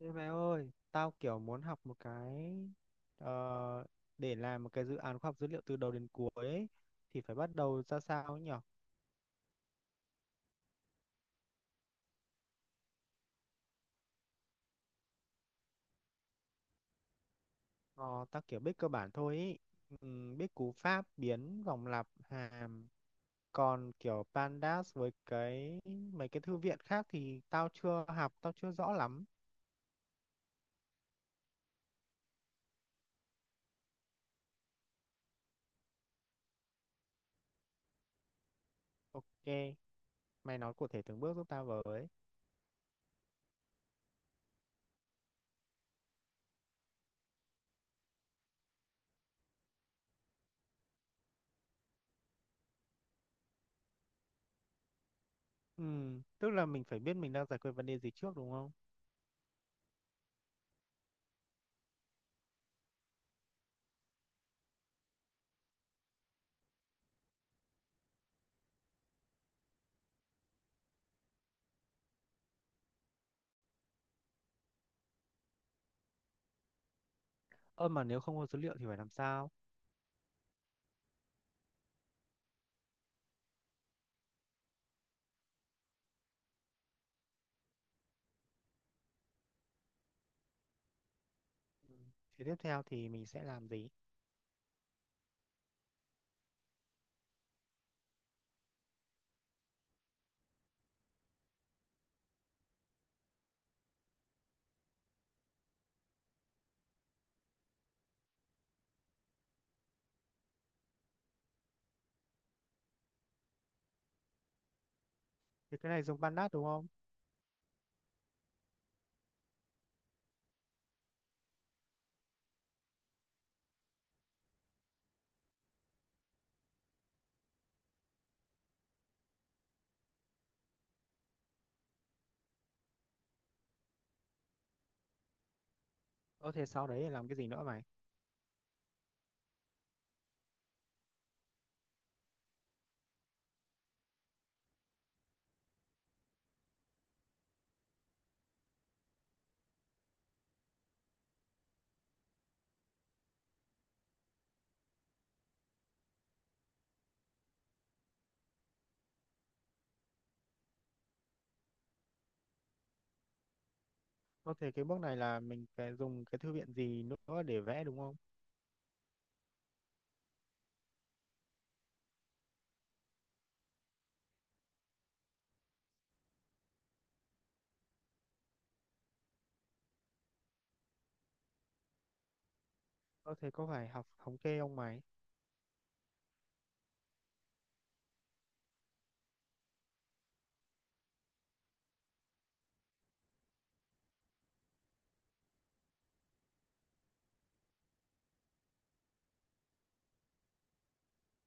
Ê mày ơi, tao kiểu muốn học một cái ờ, để làm một cái dự án khoa học dữ liệu từ đầu đến cuối ấy, thì phải bắt đầu ra sao ấy nhỉ? Ờ, tao kiểu biết cơ bản thôi ấy. Biết cú pháp, biến, vòng lặp, hàm. Còn kiểu pandas với mấy cái thư viện khác thì tao chưa học, tao chưa rõ lắm. Ok, mày nói cụ thể từng bước giúp tao với. Tức là mình phải biết mình đang giải quyết vấn đề gì trước đúng không? Ơ mà nếu không có dữ liệu thì phải làm sao? Thế tiếp theo thì mình sẽ làm gì? Thì cái này dùng Pandas đúng không? Có thể sau đấy là làm cái gì nữa mày? Có thể cái bước này là mình phải dùng cái thư viện gì nữa để vẽ đúng không? Có thể có phải học thống kê không mày?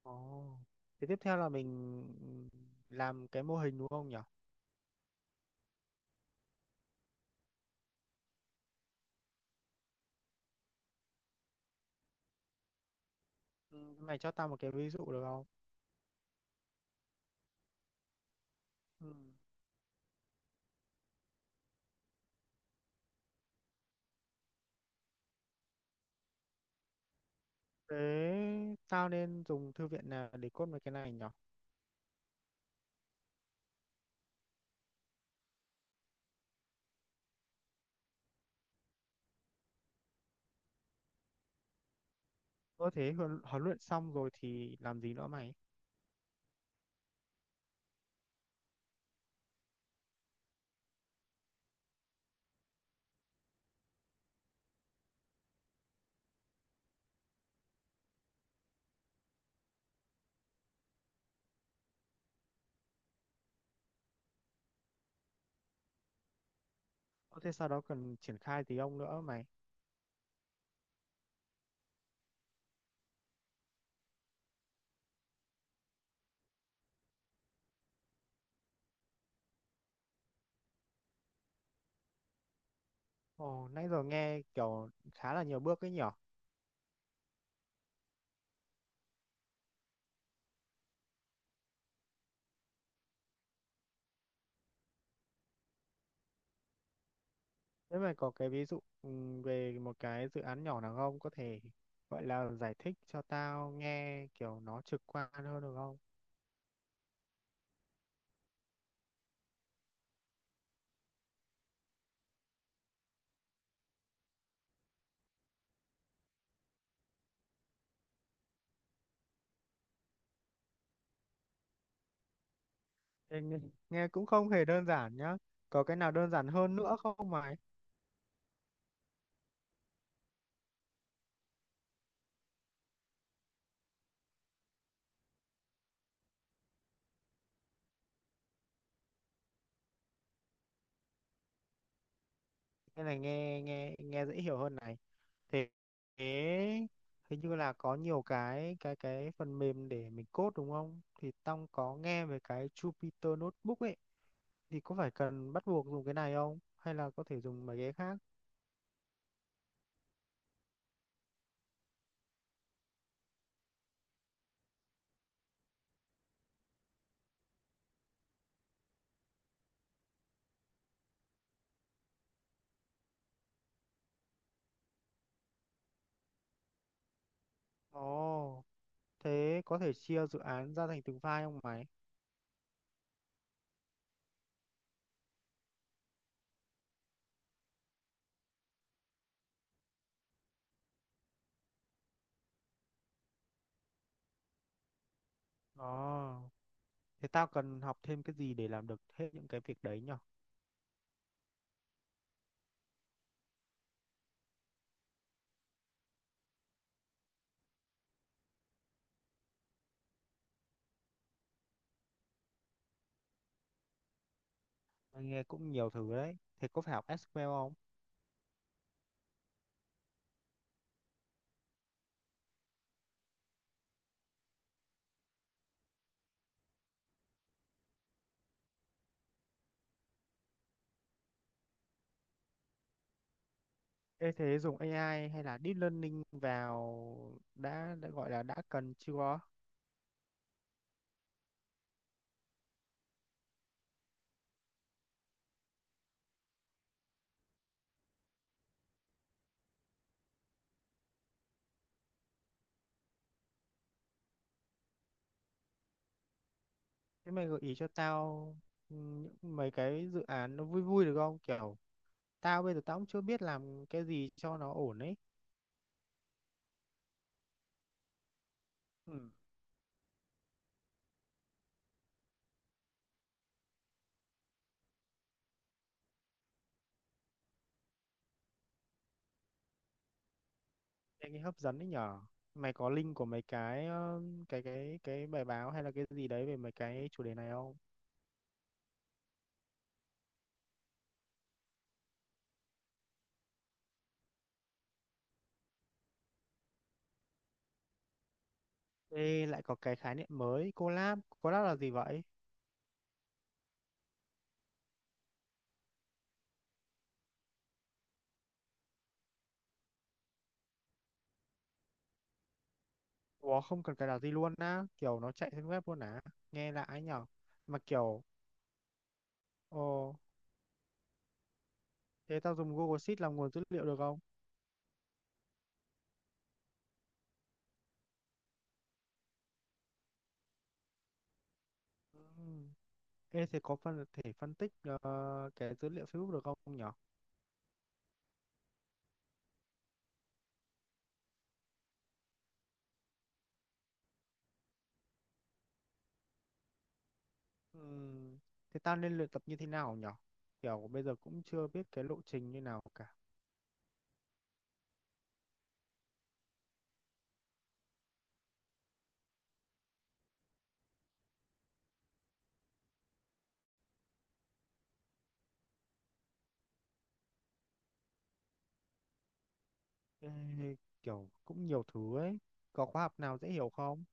Ồ, thì tiếp theo là mình làm cái mô hình đúng không nhỉ? Ừ, mày cho tao một cái ví dụ được không? Ừ. Thế tao nên dùng thư viện nào để code mấy cái này nhỉ? Có thể huấn huấn luyện xong rồi thì làm gì nữa mày? Có thể sau đó cần triển khai gì không nữa mày? Ồ, nãy giờ nghe kiểu khá là nhiều bước ấy nhở. Thế mà có cái ví dụ về một cái dự án nhỏ nào không? Có thể gọi là giải thích cho tao nghe kiểu nó trực quan hơn được không? Ê, nghe cũng không hề đơn giản nhá. Có cái nào đơn giản hơn nữa không mày? Cái này nghe nghe nghe dễ hiểu hơn này. Thế thế hình như là có nhiều cái phần mềm để mình code đúng không? Thì tao có nghe về cái Jupyter Notebook ấy. Thì có phải cần bắt buộc dùng cái này không? Hay là có thể dùng mấy cái khác? Ồ, thế có thể chia dự án ra thành từng file không mày? Ồ, thế tao cần học thêm cái gì để làm được hết những cái việc đấy nhở? Mày nghe cũng nhiều thứ đấy. Thế có phải học SQL không? Ê, thế dùng AI hay là Deep Learning vào đã gọi là đã cần chưa? Thế mày gợi ý cho tao ừ, những mấy cái dự án nó vui vui được không? Kiểu bây giờ tao cũng chưa biết làm cái gì cho nó ổn ấy. Ừ. Anh ấy hấp dẫn đấy nhở. Mày có link của mấy cái cái bài báo hay là cái gì đấy về mấy cái chủ đề này không? Ê, lại có cái khái niệm mới, collab. Collab là gì vậy? Ủa, không cần cài đặt gì luôn á. Kiểu nó chạy trên web luôn á. Nghe lạ ấy nhở. Mà kiểu, ồ, thế tao dùng Google Sheet làm nguồn dữ liệu được không? Ừ. Ê, thế có thể phân tích cái dữ liệu Facebook được không nhở? Ừ. Thế tao nên luyện tập như thế nào nhở? Kiểu bây giờ cũng chưa biết cái lộ trình như nào cả. Ê, kiểu cũng nhiều thứ ấy, có khóa học nào dễ hiểu không?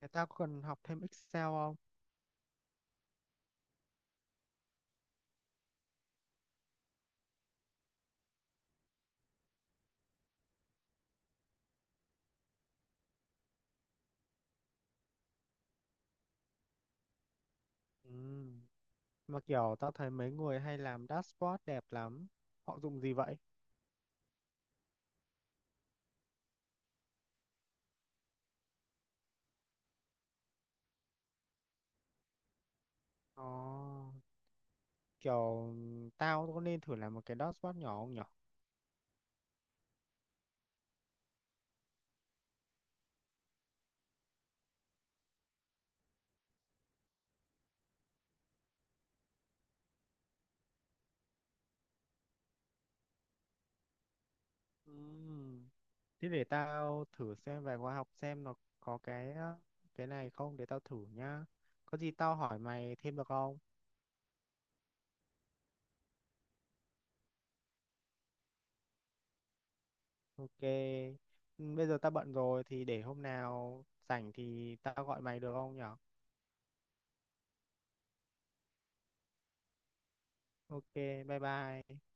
Người ta có cần học thêm Excel không? Ừ, mà kiểu tao thấy mấy người hay làm dashboard đẹp lắm, họ dùng gì vậy? Ồ, kiểu tao có nên thử làm một cái dashboard nhỏ không nhở? Ừ, thế để tao thử xem vài khóa học xem nó có cái này không, để tao thử nhá, có gì tao hỏi mày thêm được không? Ok. Ừ, bây giờ tao bận rồi thì để hôm nào rảnh thì tao gọi mày được không nhở? Ok, bye bye.